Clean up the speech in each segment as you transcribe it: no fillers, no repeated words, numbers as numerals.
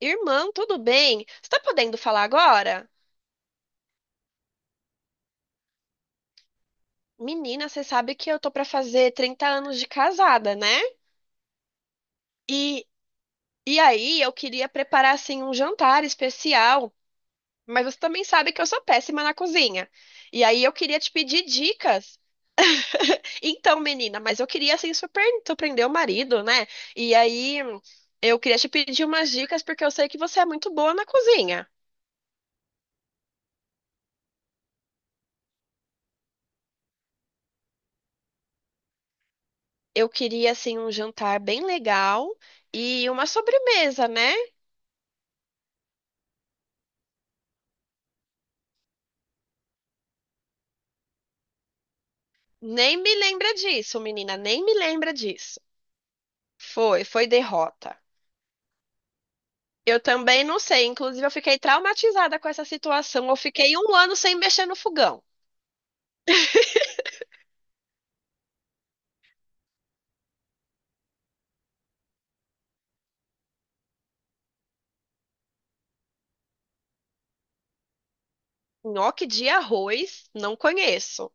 Irmã, tudo bem? Você tá podendo falar agora? Menina, você sabe que eu tô pra fazer 30 anos de casada, né? E, e aí eu queria preparar assim um jantar especial, mas você também sabe que eu sou péssima na cozinha. E aí eu queria te pedir dicas. Então, menina, mas eu queria assim surpreender o marido, né? E aí eu queria te pedir umas dicas porque eu sei que você é muito boa na cozinha. Eu queria assim um jantar bem legal e uma sobremesa, né? Nem me lembra disso, menina, nem me lembra disso. Foi derrota. Eu também não sei, inclusive eu fiquei traumatizada com essa situação. Eu fiquei um ano sem mexer no fogão. Nhoque de arroz, não conheço.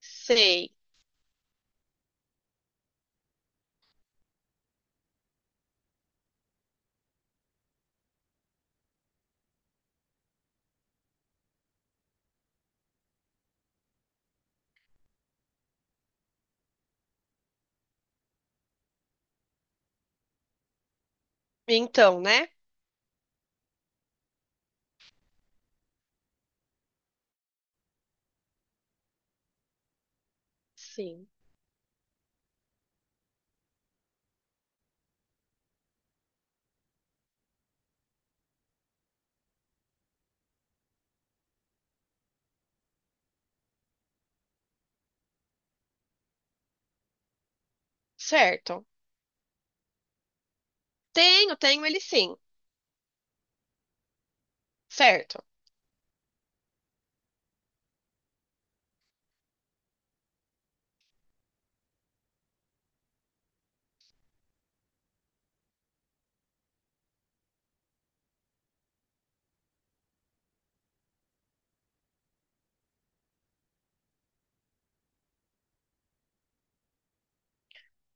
Sei. Então, né? Sim. Certo. Tenho, tenho ele sim. Certo.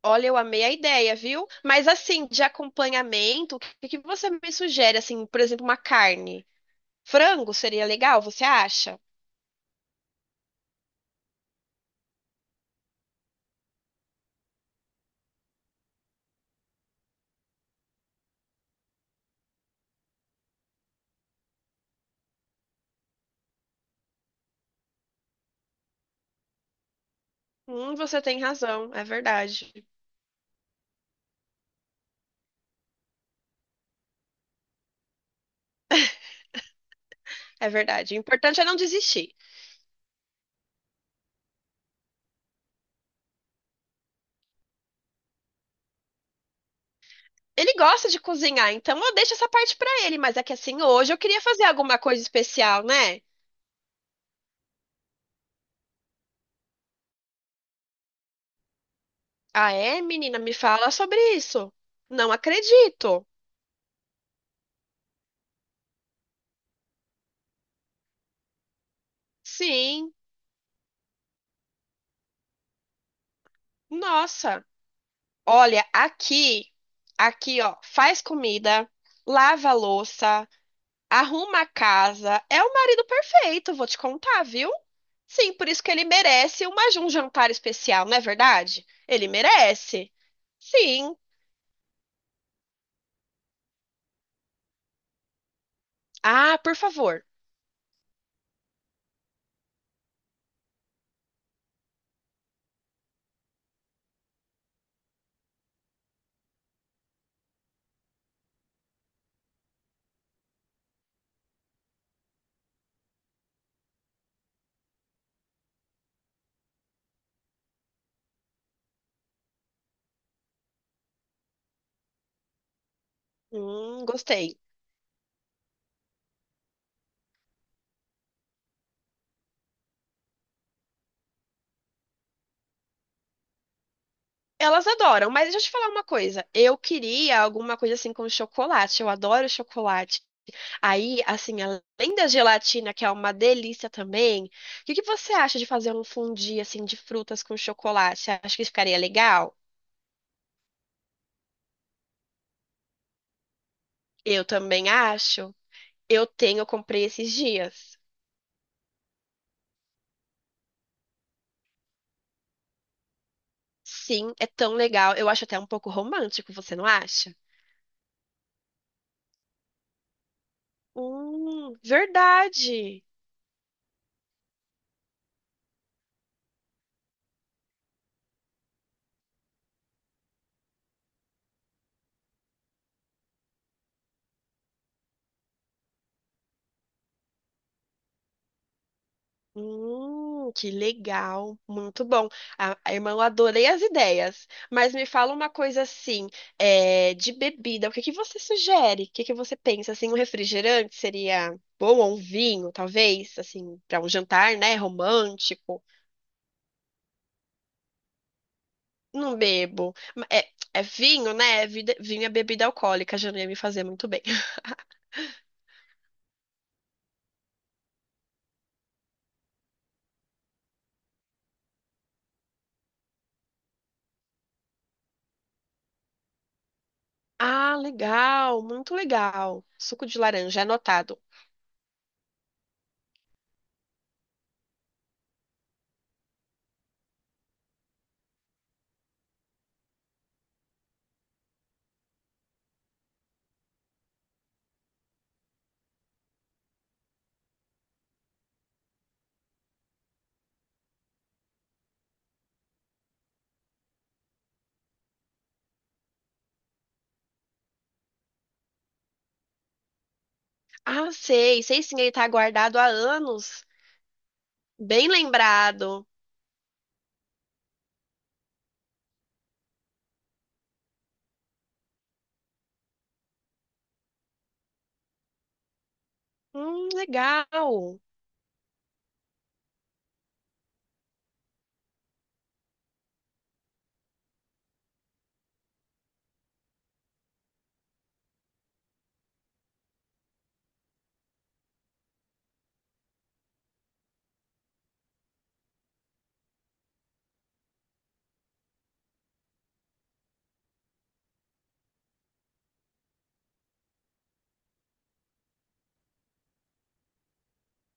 Olha, eu amei a ideia, viu? Mas assim, de acompanhamento, o que que você me sugere? Assim, por exemplo, uma carne. Frango seria legal, você acha? Você tem razão, é verdade. É verdade. O importante é não desistir. Ele gosta de cozinhar, então eu deixo essa parte pra ele, mas é que assim, hoje eu queria fazer alguma coisa especial, né? Ah, é, menina, me fala sobre isso. Não acredito. Sim. Nossa. Olha, aqui, aqui, ó, faz comida, lava a louça, arruma a casa. É o marido perfeito, vou te contar, viu? Sim, por isso que ele merece uma, um jantar especial, não é verdade? Ele merece. Sim. Ah, por favor. Gostei. Elas adoram, mas deixa eu te falar uma coisa. Eu queria alguma coisa assim com chocolate. Eu adoro chocolate. Aí, assim, além da gelatina, que é uma delícia também, o que que você acha de fazer um fondue assim de frutas com chocolate? Você acha que ficaria legal? Eu também acho. Eu tenho, eu comprei esses dias. Sim, é tão legal. Eu acho até um pouco romântico, você não acha? Verdade. Que legal. Muito bom. A irmã, eu adorei as ideias. Mas me fala uma coisa assim, é, de bebida. O que que você sugere? O que que você pensa? Assim, um refrigerante seria bom ou um vinho, talvez? Assim, para um jantar, né? Romântico. Não bebo. Ma- É, é vinho, né? É vida- Vinho é bebida alcoólica, já não ia me fazer muito bem. Ah, legal, muito legal. Suco de laranja, anotado. Ah, sei, sei sim, ele tá guardado há anos. Bem lembrado. Legal.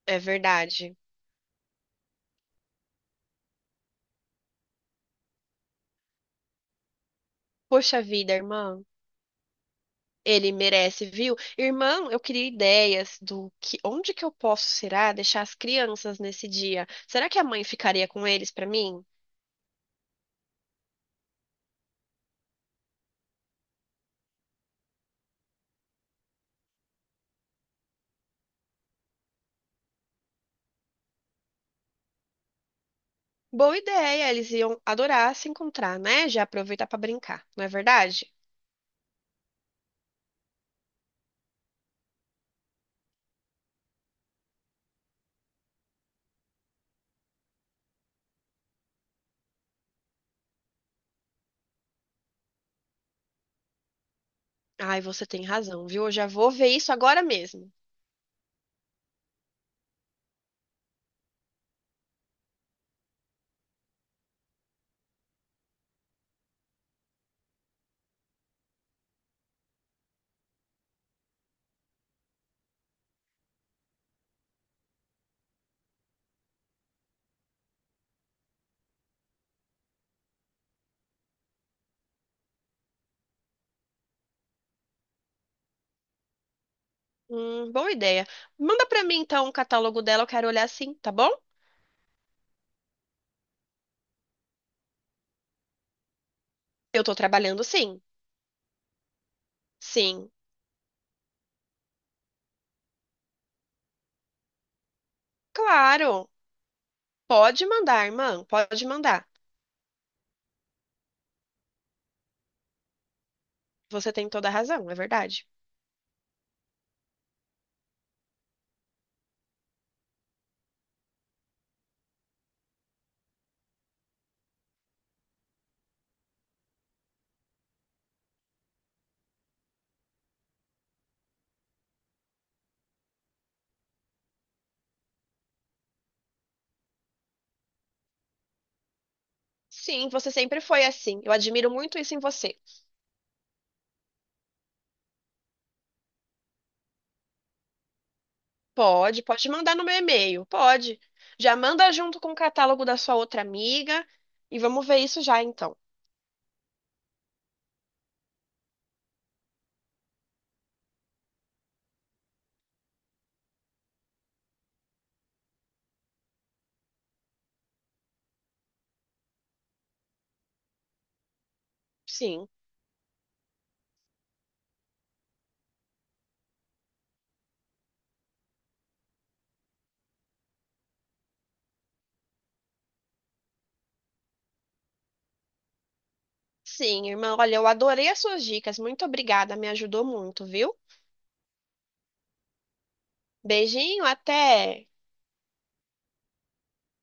É verdade. Poxa vida, irmã. Ele merece, viu? Irmã, eu queria ideias do que, onde que eu posso, será, deixar as crianças nesse dia? Será que a mãe ficaria com eles pra mim? Boa ideia, eles iam adorar se encontrar, né? Já aproveitar pra brincar, não é verdade? Ai, você tem razão, viu? Eu já vou ver isso agora mesmo. Boa ideia. Manda pra mim então o catálogo dela, eu quero olhar sim, tá bom? Eu tô trabalhando sim. Sim, claro. Pode mandar, irmã, pode mandar. Você tem toda a razão, é verdade. Sim, você sempre foi assim. Eu admiro muito isso em você. Pode, pode mandar no meu e-mail, pode. Já manda junto com o catálogo da sua outra amiga e vamos ver isso já então. Sim, sim, irmã. Olha, eu adorei as suas dicas. Muito obrigada, me ajudou muito, viu? Beijinho, até.